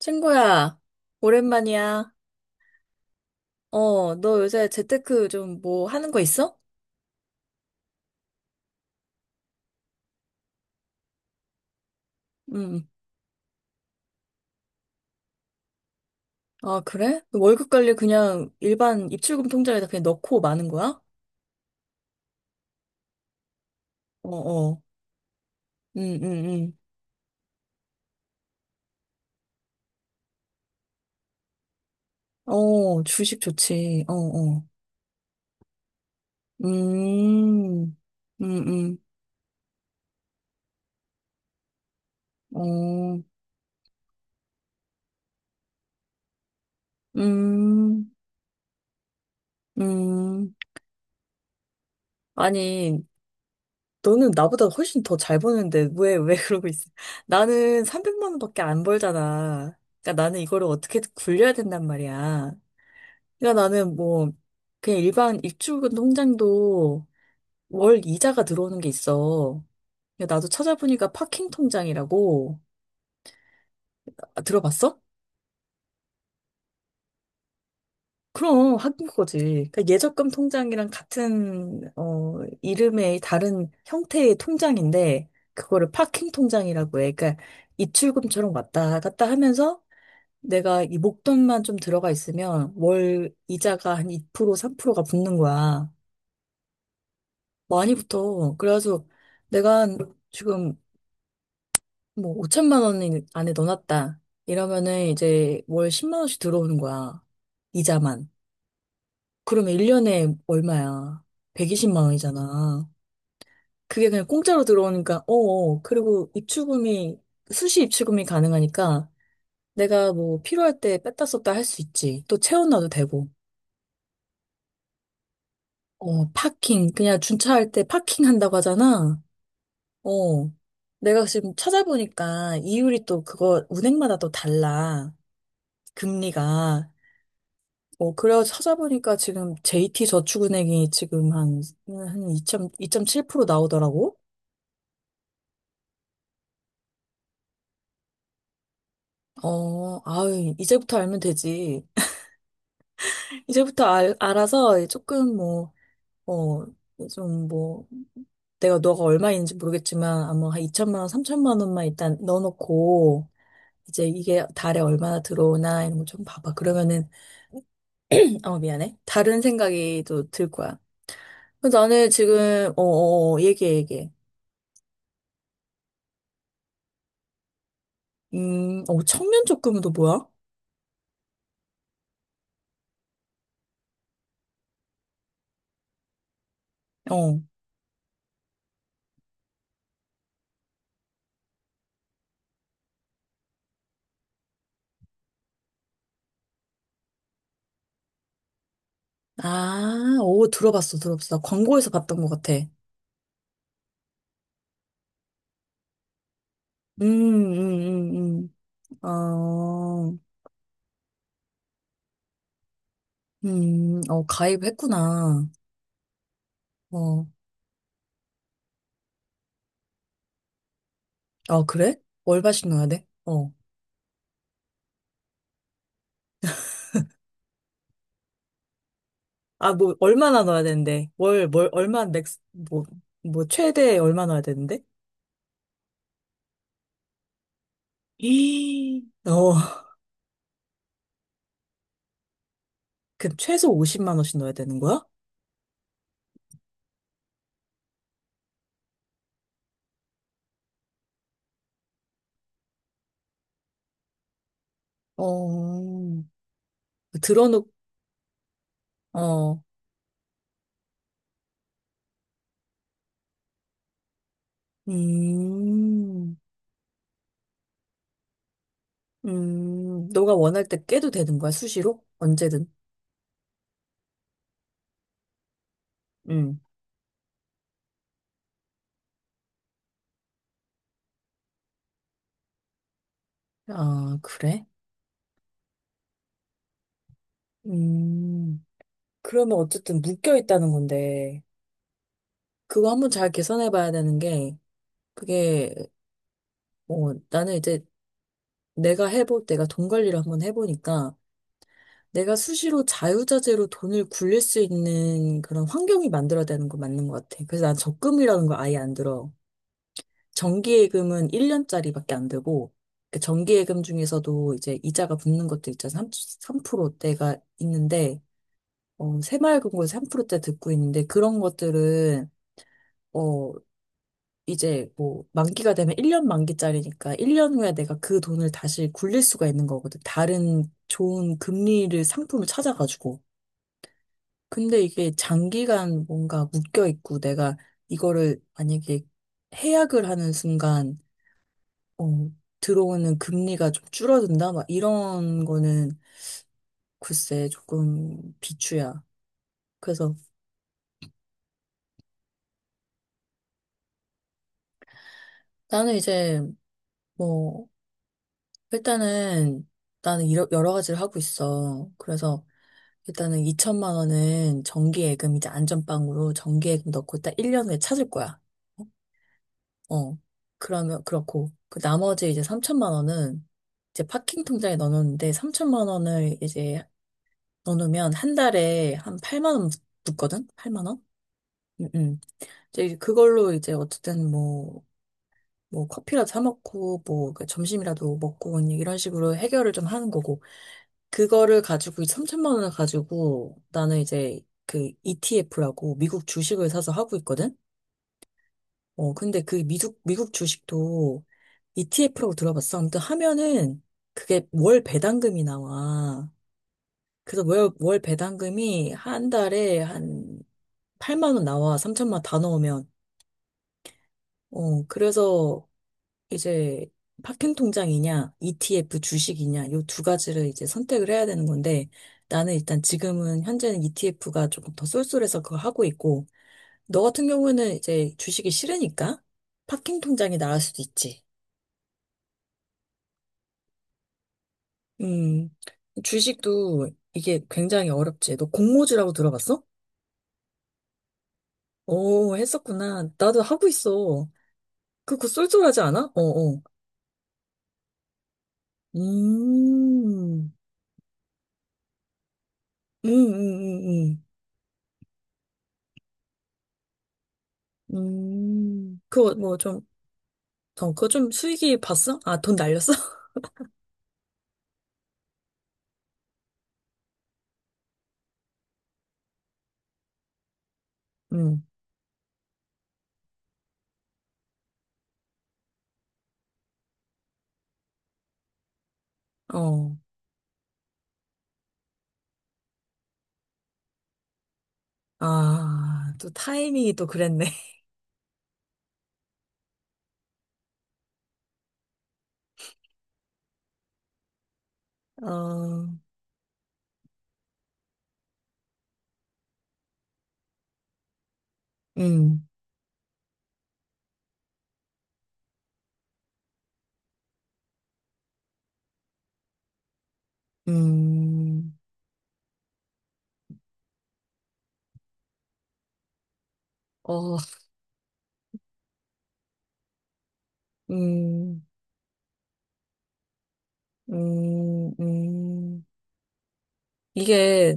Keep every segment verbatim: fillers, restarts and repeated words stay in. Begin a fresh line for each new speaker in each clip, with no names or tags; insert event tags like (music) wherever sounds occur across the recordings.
친구야, 오랜만이야. 어, 너 요새 재테크 좀 뭐 하는 거 있어? 응. 아, 그래? 월급 관리 그냥 일반 입출금 통장에다 그냥 넣고 마는 거야? 어, 어. 음, 음, 음. 어, 주식 좋지. 어, 어. 음, 음, 음. 어, 음, 음. 아니, 너는 나보다 훨씬 더 잘 버는데 왜, 왜 그러고 있어? (laughs) 나는 삼백만 원밖에 안 벌잖아. 그러니까 나는 이거를 어떻게 굴려야 된단 말이야. 그러니까 나는 뭐 그냥 일반 입출금 통장도 월 이자가 들어오는 게 있어. 그러니까 나도 찾아보니까 파킹 통장이라고. 아, 들어봤어? 그럼 한국 거지. 그러니까 예적금 통장이랑 같은 어 이름의 다른 형태의 통장인데 그거를 파킹 통장이라고 해. 그러니까 입출금처럼 왔다 갔다 하면서 내가 이 목돈만 좀 들어가 있으면 월 이자가 한 이 퍼센트 삼 퍼센트가 붙는 거야. 많이 붙어. 그래가지고 내가 지금 뭐 오천만 원 안에 넣어놨다. 이러면은 이제 월 십만 원씩 들어오는 거야. 이자만. 그러면 일 년에 얼마야? 백이십만 원이잖아. 그게 그냥 공짜로 들어오니까, 어, 어. 그리고 입출금이, 수시 입출금이 가능하니까 내가 뭐 필요할 때 뺐다 썼다 할 수 있지. 또 채워놔도 되고. 어, 파킹. 그냥 준차할 때 파킹 한다고 하잖아. 어. 내가 지금 찾아보니까 이율이 또 그거 은행마다 또 달라. 금리가. 어, 그래 찾아보니까 지금 제이티 저축은행이 지금 한, 한 이 점 칠 퍼센트 나오더라고. 어, 아유, 이제부터 알면 되지. (laughs) 이제부터 알, 알아서 조금 뭐, 어, 좀 뭐, 내가 너가 얼마 있는지 모르겠지만, 아마 한 이천만 원, 삼천만 원만 일단 넣어놓고, 이제 이게 달에 얼마나 들어오나 이런 거 좀 봐봐. 그러면은, (clears throat) 어, 미안해. 다른 생각이 또 들 거야. 근데 나는 지금, 어, 어, 어, 얘기해, 얘기해. 음, 어, 청년 적금도 뭐야? 어. 아, 오, 들어봤어, 들어봤어. 나 광고에서 봤던 것 같아. 음, 음, 음, 음. 어, 음, 어, 가입했구나. 어, 아, 그래? 월바씩 넣어야 돼? 어. 아, 뭐, 얼마나 넣어야 되는데? 월, 뭘, 얼마, 맥스, 뭐, 뭐, 최대 얼마 넣어야 되는데? 이, 어, 그럼 최소 오십만 원씩 넣어야 되는 거야? 어, 들어놓, 어, 음, 음, 너가 원할 때 깨도 되는 거야, 수시로? 언제든. 음. 아, 그래? 음, 그러면 어쨌든 묶여 있다는 건데, 그거 한번 잘 계산해 봐야 되는 게, 그게, 뭐, 나는 이제 내가 해볼, 내가 돈 관리를 한번 해보니까, 내가 수시로 자유자재로 돈을 굴릴 수 있는 그런 환경이 만들어야 되는 거 맞는 것 같아. 그래서 난 적금이라는 거 아예 안 들어. 정기예금은 일 년짜리밖에 안 되고, 그 정기예금 중에서도 이제 이자가 붙는 것도 있잖아. 프 삼 퍼센트대가 있는데, 어, 새마을금고에서 삼 퍼센트대 듣고 있는데, 그런 것들은, 어, 이제 뭐 만기가 되면 일 년 만기짜리니까 일 년 후에 내가 그 돈을 다시 굴릴 수가 있는 거거든. 다른 좋은 금리를 상품을 찾아가지고. 근데 이게 장기간 뭔가 묶여 있고 내가 이거를 만약에 해약을 하는 순간 어, 들어오는 금리가 좀 줄어든다 막 이런 거는 글쎄 조금 비추야. 그래서 나는 이제 뭐 일단은 나는 이러- 여러 가지를 하고 있어. 그래서 일단은 이천만 원은 정기예금 이제 안전빵으로 정기예금 넣고 딱 일 년 후에 찾을 거야. 어. 그러면 그렇고 그 나머지 이제 삼천만 원은 이제 파킹 통장에 넣어놓는데 삼천만 원을 이제 넣어놓으면 한 달에 한 팔만 원 붙거든? 팔만 원? 음, 음. 이제 그걸로 이제 어쨌든 뭐, 뭐 커피라도 사 먹고 뭐 그 점심이라도 먹고 뭐 이런 식으로 해결을 좀 하는 거고 그거를 가지고 삼천만 원을 가지고 나는 이제 그 이티에프라고 미국 주식을 사서 하고 있거든. 어 근데 그 미국 미국 주식도 이티에프라고 들어봤어. 아무튼 하면은 그게 월 배당금이 나와. 그래서 월, 월 배당금이 한 달에 한 팔만 원 나와. 삼천만 다 넣으면. 어 그래서 이제 파킹 통장이냐, 이티에프 주식이냐, 요 두 가지를 이제 선택을 해야 되는 건데, 나는 일단 지금은 현재는 이티에프가 조금 더 쏠쏠해서 그거 하고 있고, 너 같은 경우에는 이제 주식이 싫으니까 파킹 통장이 나을 수도 있지. 음, 주식도 이게 굉장히 어렵지. 너 공모주라고 들어봤어? 오, 했었구나. 나도 하고 있어. 그거 쏠쏠하지 않아? 어어. 음, 음, 음, 음, 음. 음, 그거 뭐좀 돈 그거 좀 수익이 봤어? 아, 돈 날렸어? (laughs) 음, 어. 아, 또 타이밍이 또 그랬네. (laughs) 어, 음, 음, 어, 음, 음, 음. 이게,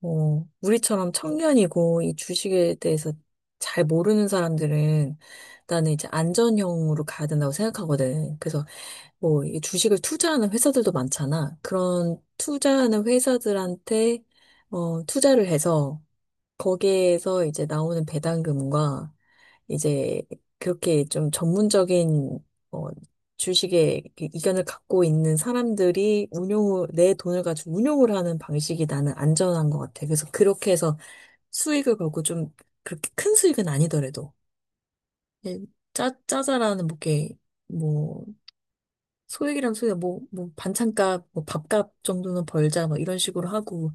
뭐, 우리처럼 청년이고 이 주식에 대해서 잘 모르는 사람들은 나는 이제 안전형으로 가야 된다고 생각하거든. 그래서 뭐, 이 주식을 투자하는 회사들도 많잖아. 그런 투자하는 회사들한테 어, 투자를 해서 거기에서 이제 나오는 배당금과 이제 그렇게 좀 전문적인 어, 주식의 그 이견을 갖고 있는 사람들이 운용을, 내 돈을 가지고 운용을 하는 방식이 나는 안전한 것 같아. 그래서 그렇게 해서 수익을 벌고 좀 그렇게 큰 수익은 아니더라도 예, 짜, 짜잘하는 뭐, 이렇게 뭐, 소액이랑 소액, 뭐, 뭐, 반찬값, 뭐, 밥값 정도는 벌자, 뭐, 이런 식으로 하고,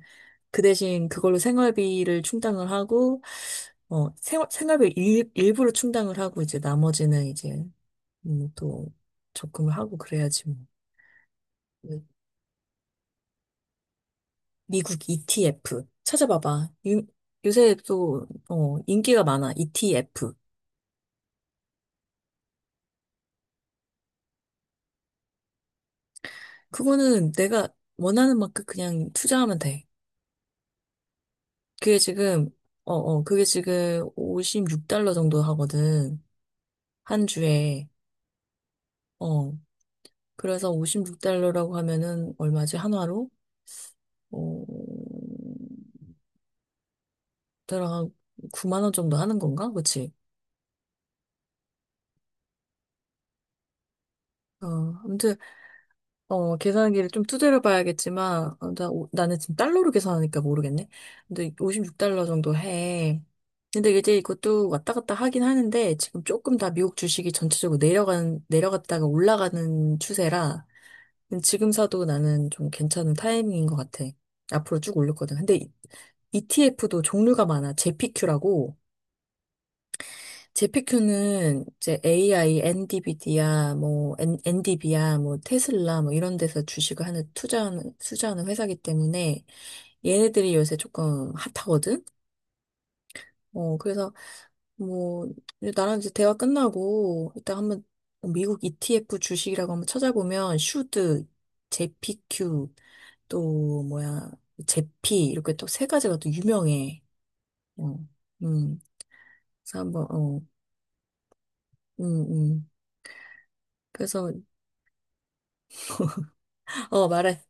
그 대신 그걸로 생활비를 충당을 하고, 어, 생, 생활비 일, 일부를 충당을 하고, 이제 나머지는 이제, 음, 또 적금을 하고 그래야지 뭐. 그 미국 이티에프. 찾아봐봐. 유, 요새 또, 어, 인기가 많아. 이티에프. 그거는 내가 원하는 만큼 그냥 투자하면 돼. 그게 지금, 어, 어, 그게 지금 오십육 달러 정도 하거든. 한 주에. 어. 그래서 오십육 달러라고 하면은 얼마지? 한화로? 어, 대략 한 구만 원 정도 하는 건가? 그치? 어, 아무튼, 어, 계산기를 좀 두드려 봐야겠지만, 어, 나, 오- 나는 지금 달러로 계산하니까 모르겠네. 근데 오십육 달러 정도 해. 근데 이제 이것도 왔다 갔다 하긴 하는데, 지금 조금 다 미국 주식이 전체적으로 내려간, 내려갔다가 올라가는 추세라, 음, 지금 사도 나는 좀 괜찮은 타이밍인 것 같아. 앞으로 쭉 올렸거든. 근데 이티에프도 종류가 많아. j p 큐라고 제피큐는 이제 에이아이, n d v 디 d 뭐, 엔 엔디비아, 뭐, 테슬라, 뭐, 이런 데서 주식을 하는, 투자하는, 투자하는 회사기 때문에 얘네들이 요새 조금 핫하거든? 어, 그래서 뭐, 이제 나랑 이제 대화 끝나고 이따 한번 미국 이티에프 주식이라고 한번 찾아보면 슈드, 제피큐, 또 뭐야, 제피, 이렇게 또 세 가지가 또 유명해. 어, 음. 그래서 한번, 어, 음, 음. 그래서, 어, 말해.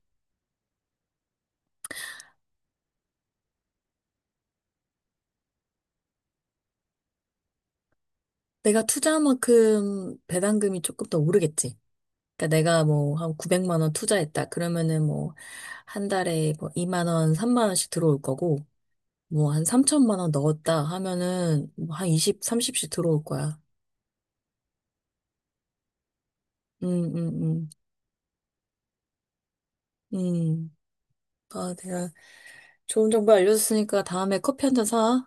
내가 투자한 만큼 배당금이 조금 더 오르겠지. 그러니까 내가 뭐 한 구백만 원 투자했다. 그러면은 뭐 한 달에 뭐 이만 원, 삼만 원씩 들어올 거고 뭐 한 삼천만 원 넣었다 하면은 뭐 한 이십, 삼십씩 들어올 거야. 음, 음, 음. 음. 아, 내가 좋은 정보 알려줬으니까 다음에 커피 한 잔 사.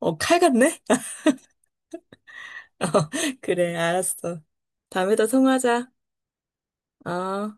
어, 칼 같네? (laughs) 그래, 알았어. 다음에 또 통화하자. 어.